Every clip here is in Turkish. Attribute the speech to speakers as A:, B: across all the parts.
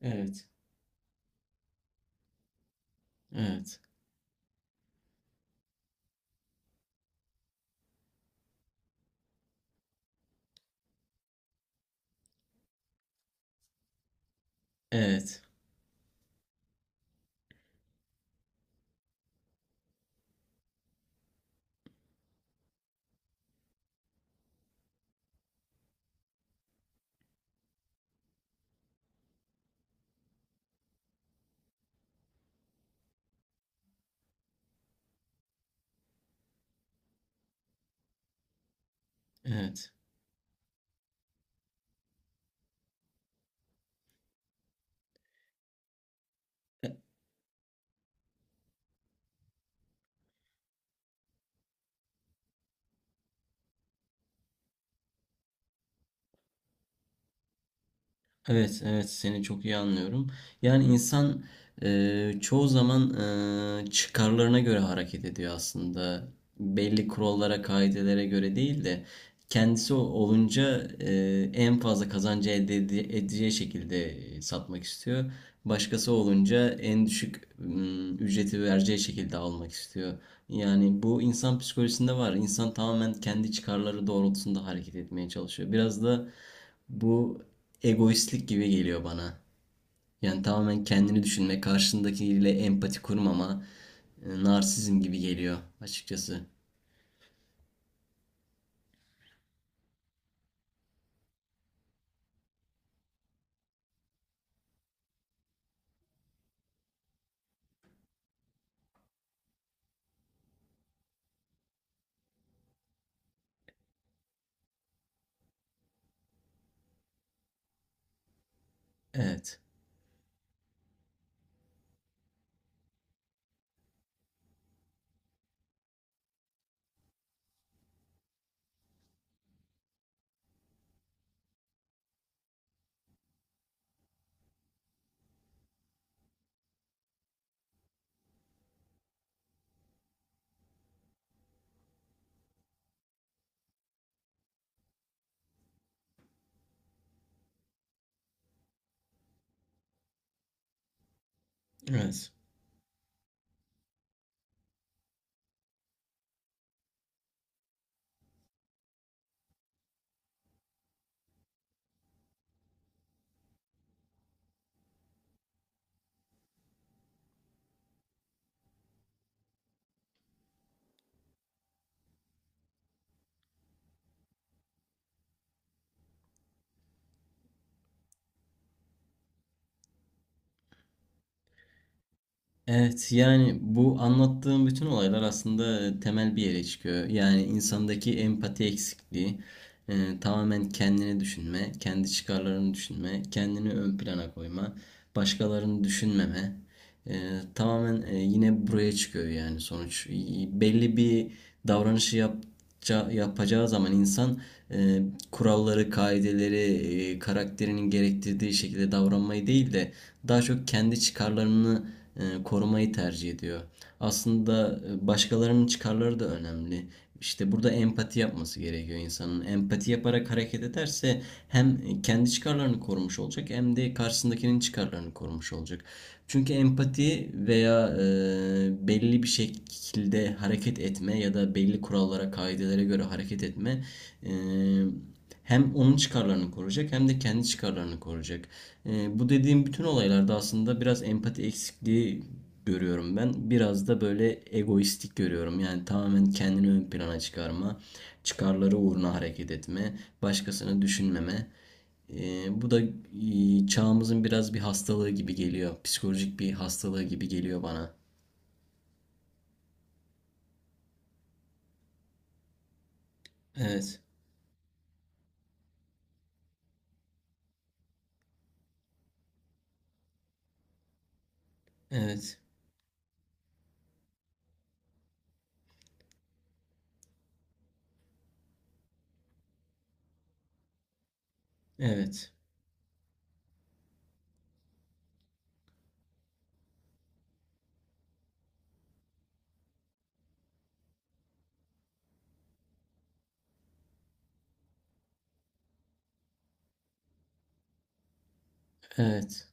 A: Evet, evet, evet, evet. E- Evet, evet, seni çok iyi anlıyorum. Yani insan çoğu zaman çıkarlarına göre hareket ediyor aslında. Belli kurallara, kaidelere göre değil de kendisi olunca en fazla kazancı elde edeceği şekilde satmak istiyor. Başkası olunca en düşük ücreti vereceği şekilde almak istiyor. Yani bu insan psikolojisinde var. İnsan tamamen kendi çıkarları doğrultusunda hareket etmeye çalışıyor. Biraz da bu egoistlik gibi geliyor bana. Yani tamamen kendini düşünme, karşındakiyle empati kurmama, narsizm gibi geliyor açıkçası. Evet. Evet. Evet, yani bu anlattığım bütün olaylar aslında temel bir yere çıkıyor. Yani insandaki empati eksikliği, tamamen kendini düşünme, kendi çıkarlarını düşünme, kendini ön plana koyma, başkalarını düşünmeme. E, Tamamen yine buraya çıkıyor yani sonuç. Belli bir davranışı yapacağı zaman insan e, kuralları, kaideleri, karakterinin gerektirdiği şekilde davranmayı değil de daha çok kendi çıkarlarını korumayı tercih ediyor aslında, başkalarının çıkarları da önemli. İşte burada empati yapması gerekiyor insanın. Empati yaparak hareket ederse hem kendi çıkarlarını korumuş olacak hem de karşısındakinin çıkarlarını korumuş olacak. Çünkü empati veya belli bir şekilde hareket etme ya da belli kurallara, kaidelere göre hareket etme e, hem onun çıkarlarını koruyacak hem de kendi çıkarlarını koruyacak. Bu dediğim bütün olaylarda aslında biraz empati eksikliği görüyorum ben. Biraz da böyle egoistik görüyorum. Yani tamamen kendini ön plana çıkarma, çıkarları uğruna hareket etme, başkasını düşünmeme. Bu da çağımızın biraz bir hastalığı gibi geliyor. Psikolojik bir hastalığı gibi geliyor bana. Evet, evet, evet, evet,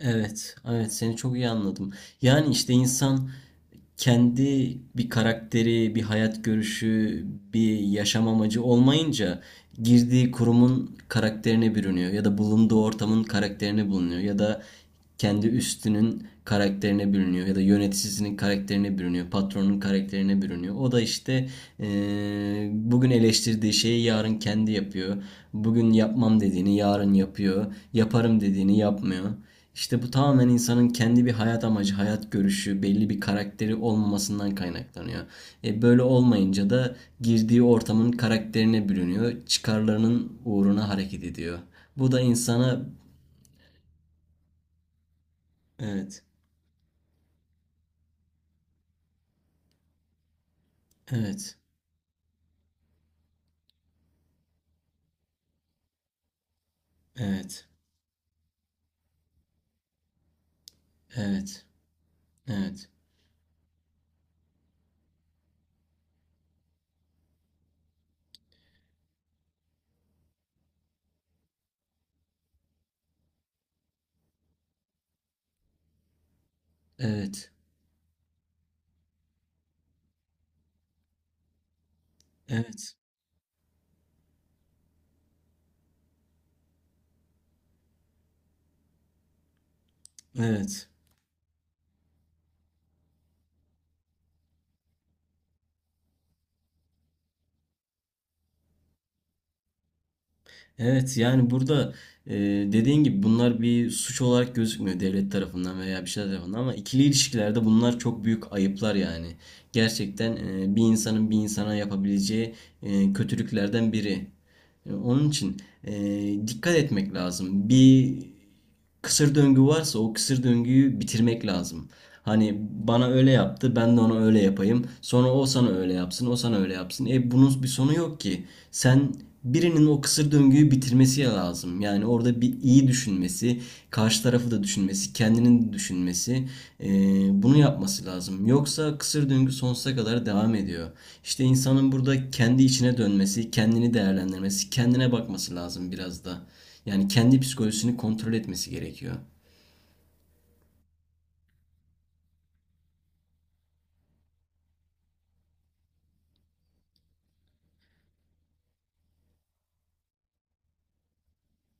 A: evet, evet. Seni çok iyi anladım. Yani işte insan kendi bir karakteri, bir hayat görüşü, bir yaşam amacı olmayınca girdiği kurumun karakterine bürünüyor ya da bulunduğu ortamın karakterine bulunuyor ya da kendi üstünün karakterine bürünüyor ya da yöneticisinin karakterine bürünüyor, patronun karakterine bürünüyor. O da işte eee, bugün eleştirdiği şeyi yarın kendi yapıyor. Bugün yapmam dediğini yarın yapıyor. Yaparım dediğini yapmıyor. İşte bu tamamen insanın kendi bir hayat amacı, hayat görüşü, belli bir karakteri olmamasından kaynaklanıyor. E böyle olmayınca da girdiği ortamın karakterine bürünüyor, çıkarlarının uğruna hareket ediyor. Bu da insana evet, evet, evet, evet, evet, evet, evet, evet. Evet, yani burada e, dediğin gibi bunlar bir suç olarak gözükmüyor devlet tarafından veya bir şeyler tarafından ama ikili ilişkilerde bunlar çok büyük ayıplar yani. Gerçekten bir insanın bir insana yapabileceği kötülüklerden biri. Onun için dikkat etmek lazım. Bir kısır döngü varsa o kısır döngüyü bitirmek lazım. Hani bana öyle yaptı, ben de ona öyle yapayım. Sonra o sana öyle yapsın, o sana öyle yapsın. E bunun bir sonu yok ki. Sen birinin o kısır döngüyü bitirmesi lazım. Yani orada bir iyi düşünmesi, karşı tarafı da düşünmesi, kendinin de düşünmesi, e, bunu yapması lazım. Yoksa kısır döngü sonsuza kadar devam ediyor. İşte insanın burada kendi içine dönmesi, kendini değerlendirmesi, kendine bakması lazım biraz da. Yani kendi psikolojisini kontrol etmesi gerekiyor.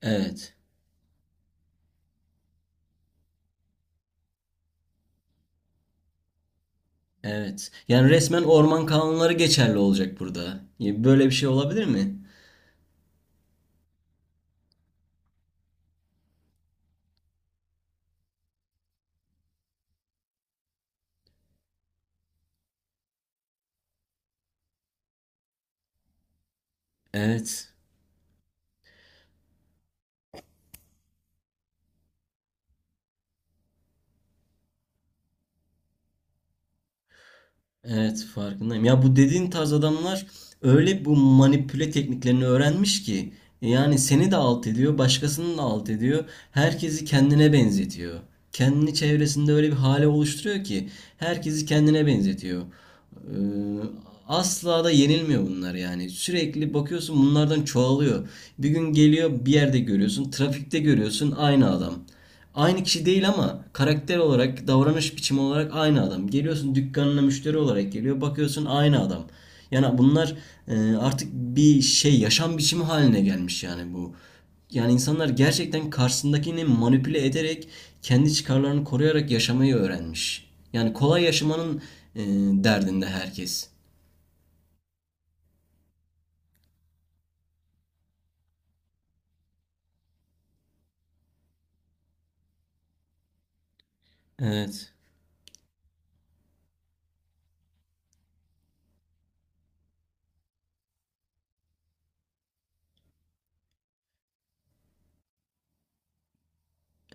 A: Evet. Evet. Yani resmen orman kanunları geçerli olacak burada. Böyle bir şey olabilir mi? Evet. Evet, farkındayım. Ya bu dediğin tarz adamlar öyle bu manipüle tekniklerini öğrenmiş ki yani seni de alt ediyor, başkasını da alt ediyor. Herkesi kendine benzetiyor. Kendini çevresinde öyle bir hale oluşturuyor ki herkesi kendine benzetiyor. Ee, Asla da yenilmiyor bunlar yani. Sürekli bakıyorsun bunlardan çoğalıyor. Bir gün geliyor bir yerde görüyorsun, trafikte görüyorsun aynı adam. Aynı kişi değil ama karakter olarak, davranış biçimi olarak aynı adam. Geliyorsun dükkanına müşteri olarak geliyor, bakıyorsun aynı adam. Yani bunlar artık bir şey, yaşam biçimi haline gelmiş yani bu. Yani insanlar gerçekten karşısındakini manipüle ederek, kendi çıkarlarını koruyarak yaşamayı öğrenmiş. Yani kolay yaşamanın e, derdinde herkes. Evet,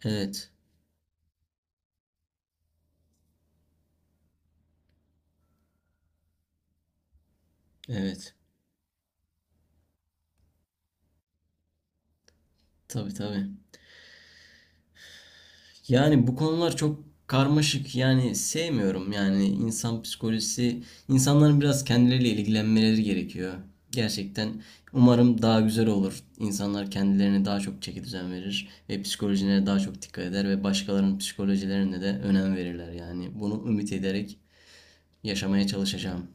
A: evet, evet. Tabii, tabii. Yani bu konular çok karmaşık. Yani sevmiyorum. Yani insan psikolojisi, insanların biraz kendileriyle ilgilenmeleri gerekiyor. Gerçekten umarım daha güzel olur. İnsanlar kendilerine daha çok çeki düzen verir ve psikolojilerine daha çok dikkat eder ve başkalarının psikolojilerine de önem verirler. Yani bunu ümit ederek yaşamaya çalışacağım.